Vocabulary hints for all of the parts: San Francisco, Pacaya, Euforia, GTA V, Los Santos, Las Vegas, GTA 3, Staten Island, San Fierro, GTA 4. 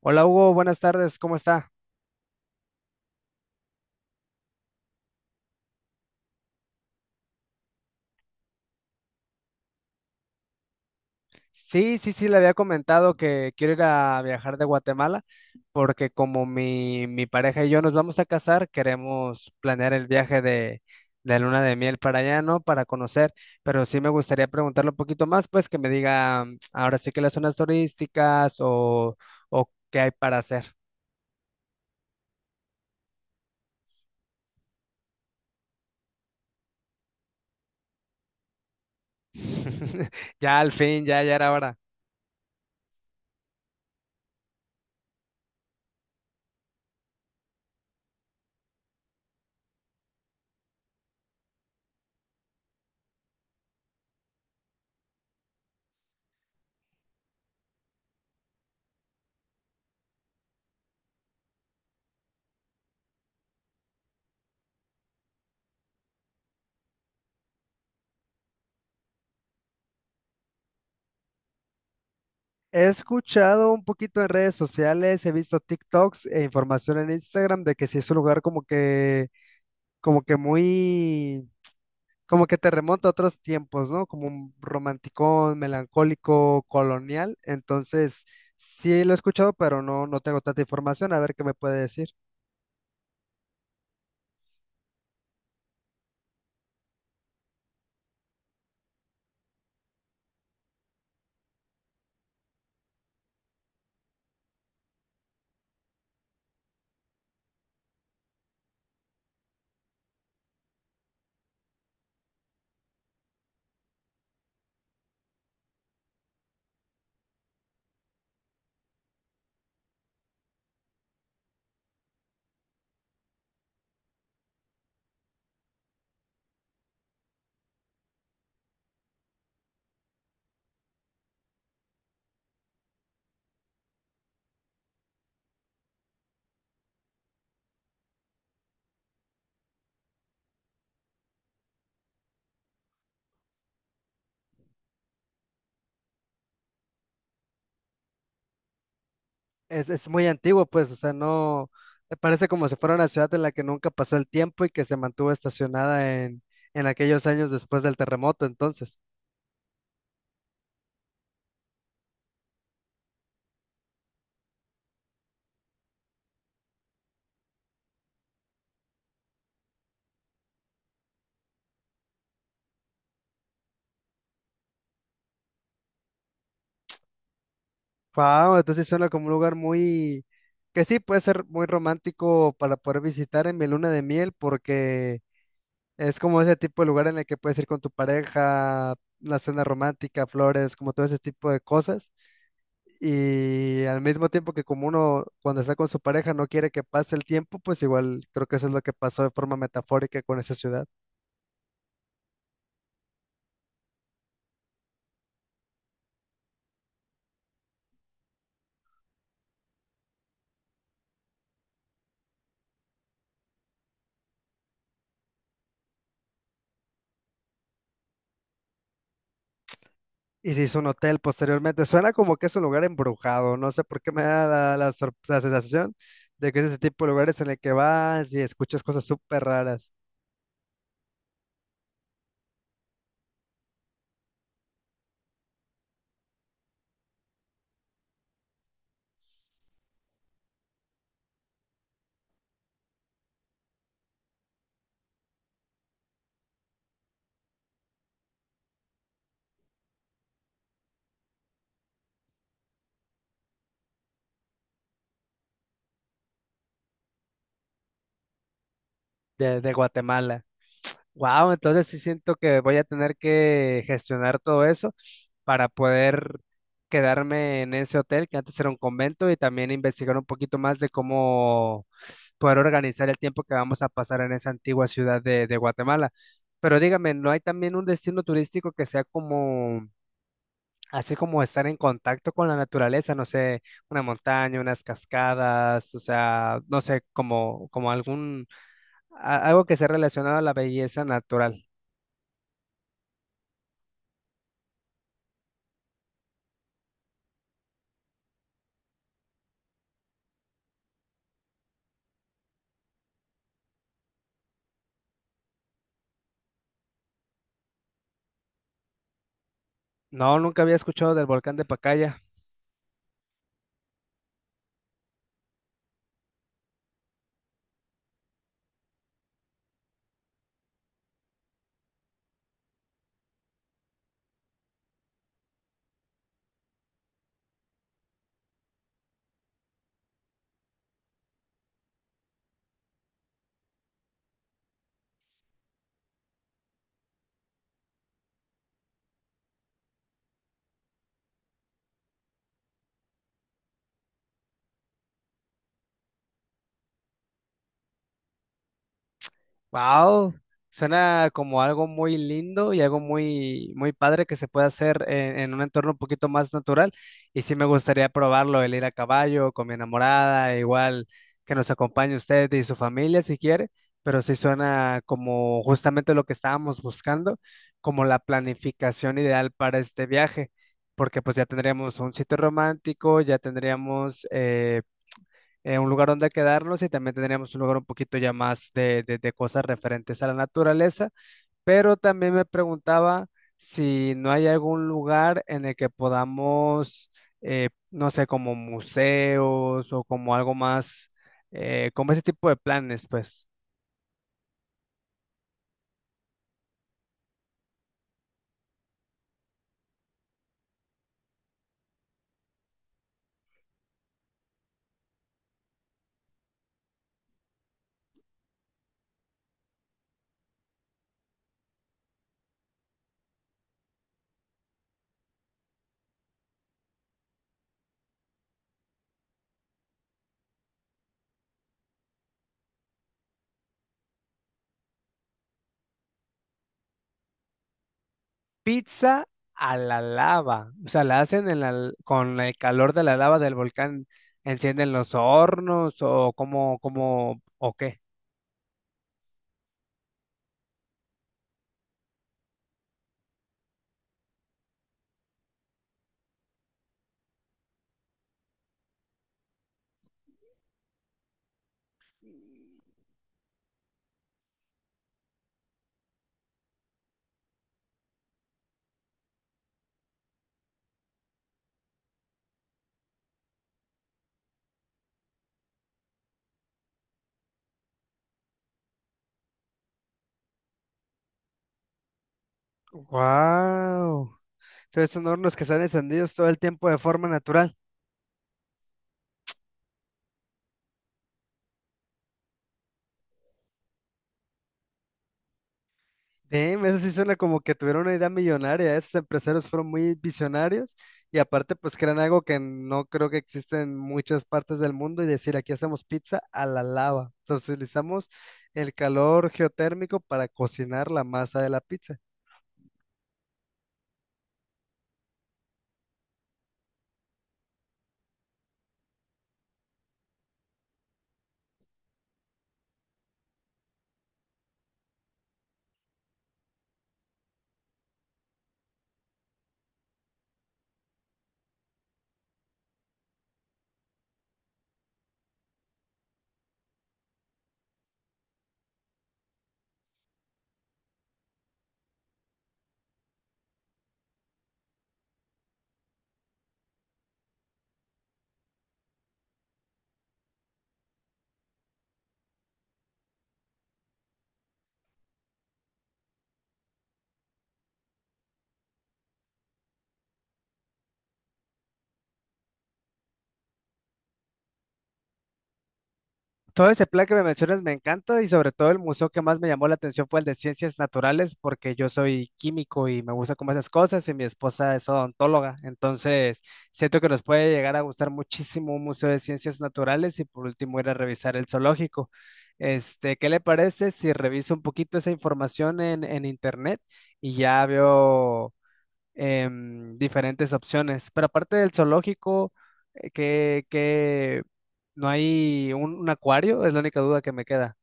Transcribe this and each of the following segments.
Hola Hugo, buenas tardes, ¿cómo está? Sí, sí, sí, le había comentado que quiero ir a viajar de Guatemala porque como mi pareja y yo nos vamos a casar, queremos planear el viaje de luna de miel para allá, ¿no? Para conocer, pero sí me gustaría preguntarle un poquito más, pues que me diga ahora sí que las zonas turísticas o qué hay para hacer. Ya al fin, ya era hora. He escuchado un poquito en redes sociales, he visto TikToks e información en Instagram de que sí es un lugar como que muy, como que te remonta a otros tiempos, ¿no? Como un romanticón, melancólico, colonial. Entonces, sí lo he escuchado, pero no, no tengo tanta información. A ver qué me puede decir. Es muy antiguo, pues, o sea, no, me parece como si fuera una ciudad en la que nunca pasó el tiempo y que se mantuvo estacionada en aquellos años después del terremoto, entonces. Wow, entonces suena como un lugar muy, que sí puede ser muy romántico para poder visitar en mi luna de miel, porque es como ese tipo de lugar en el que puedes ir con tu pareja, una cena romántica, flores, como todo ese tipo de cosas. Y al mismo tiempo que como uno cuando está con su pareja no quiere que pase el tiempo, pues igual creo que eso es lo que pasó de forma metafórica con esa ciudad. Y se hizo un hotel posteriormente. Suena como que es un lugar embrujado. No sé por qué me da la sensación de que es ese tipo de lugares en el que vas y escuchas cosas súper raras de Guatemala. Wow, entonces sí siento que voy a tener que gestionar todo eso para poder quedarme en ese hotel que antes era un convento y también investigar un poquito más de cómo poder organizar el tiempo que vamos a pasar en esa antigua ciudad de Guatemala. Pero dígame, ¿no hay también un destino turístico que sea como así como estar en contacto con la naturaleza, no sé, una montaña, unas cascadas, o sea, no sé, como, como algún, algo que sea relacionado a la belleza natural. No, nunca había escuchado del volcán de Pacaya. Wow, suena como algo muy lindo y algo muy, muy padre que se puede hacer en un entorno un poquito más natural. Y sí me gustaría probarlo, el ir a caballo con mi enamorada, igual que nos acompañe usted y su familia si quiere, pero sí suena como justamente lo que estábamos buscando, como la planificación ideal para este viaje, porque pues ya tendríamos un sitio romántico, ya tendríamos... un lugar donde quedarnos y también tendríamos un lugar un poquito ya más de, de cosas referentes a la naturaleza, pero también me preguntaba si no hay algún lugar en el que podamos, no sé, como museos o como algo más, como ese tipo de planes, pues. Pizza a la lava, o sea, la hacen en con el calor de la lava del volcán, encienden los hornos o o qué. ¡Wow! Entonces son hornos que están encendidos todo el tiempo de forma natural. Damn, eso sí suena como que tuvieron una idea millonaria. Esos empresarios fueron muy visionarios y aparte pues crean algo que no creo que existe en muchas partes del mundo y decir aquí hacemos pizza a la lava. Entonces utilizamos el calor geotérmico para cocinar la masa de la pizza. Todo ese plan que me mencionas me encanta y sobre todo el museo que más me llamó la atención fue el de ciencias naturales porque yo soy químico y me gusta como esas cosas y mi esposa es odontóloga, entonces siento que nos puede llegar a gustar muchísimo un museo de ciencias naturales y por último ir a revisar el zoológico. Este, ¿qué le parece si reviso un poquito esa información en internet y ya veo? Diferentes opciones. Pero aparte del zoológico, que no hay un acuario, es la única duda que me queda.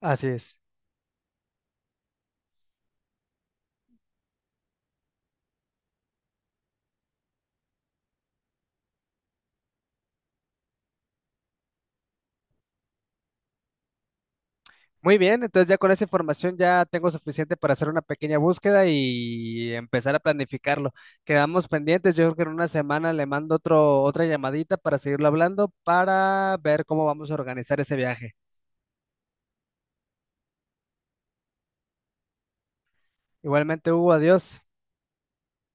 Así es. Muy bien, entonces ya con esa información ya tengo suficiente para hacer una pequeña búsqueda y empezar a planificarlo. Quedamos pendientes, yo creo que en una semana le mando otra llamadita para seguirlo hablando, para ver cómo vamos a organizar ese viaje. Igualmente, Hugo, adiós.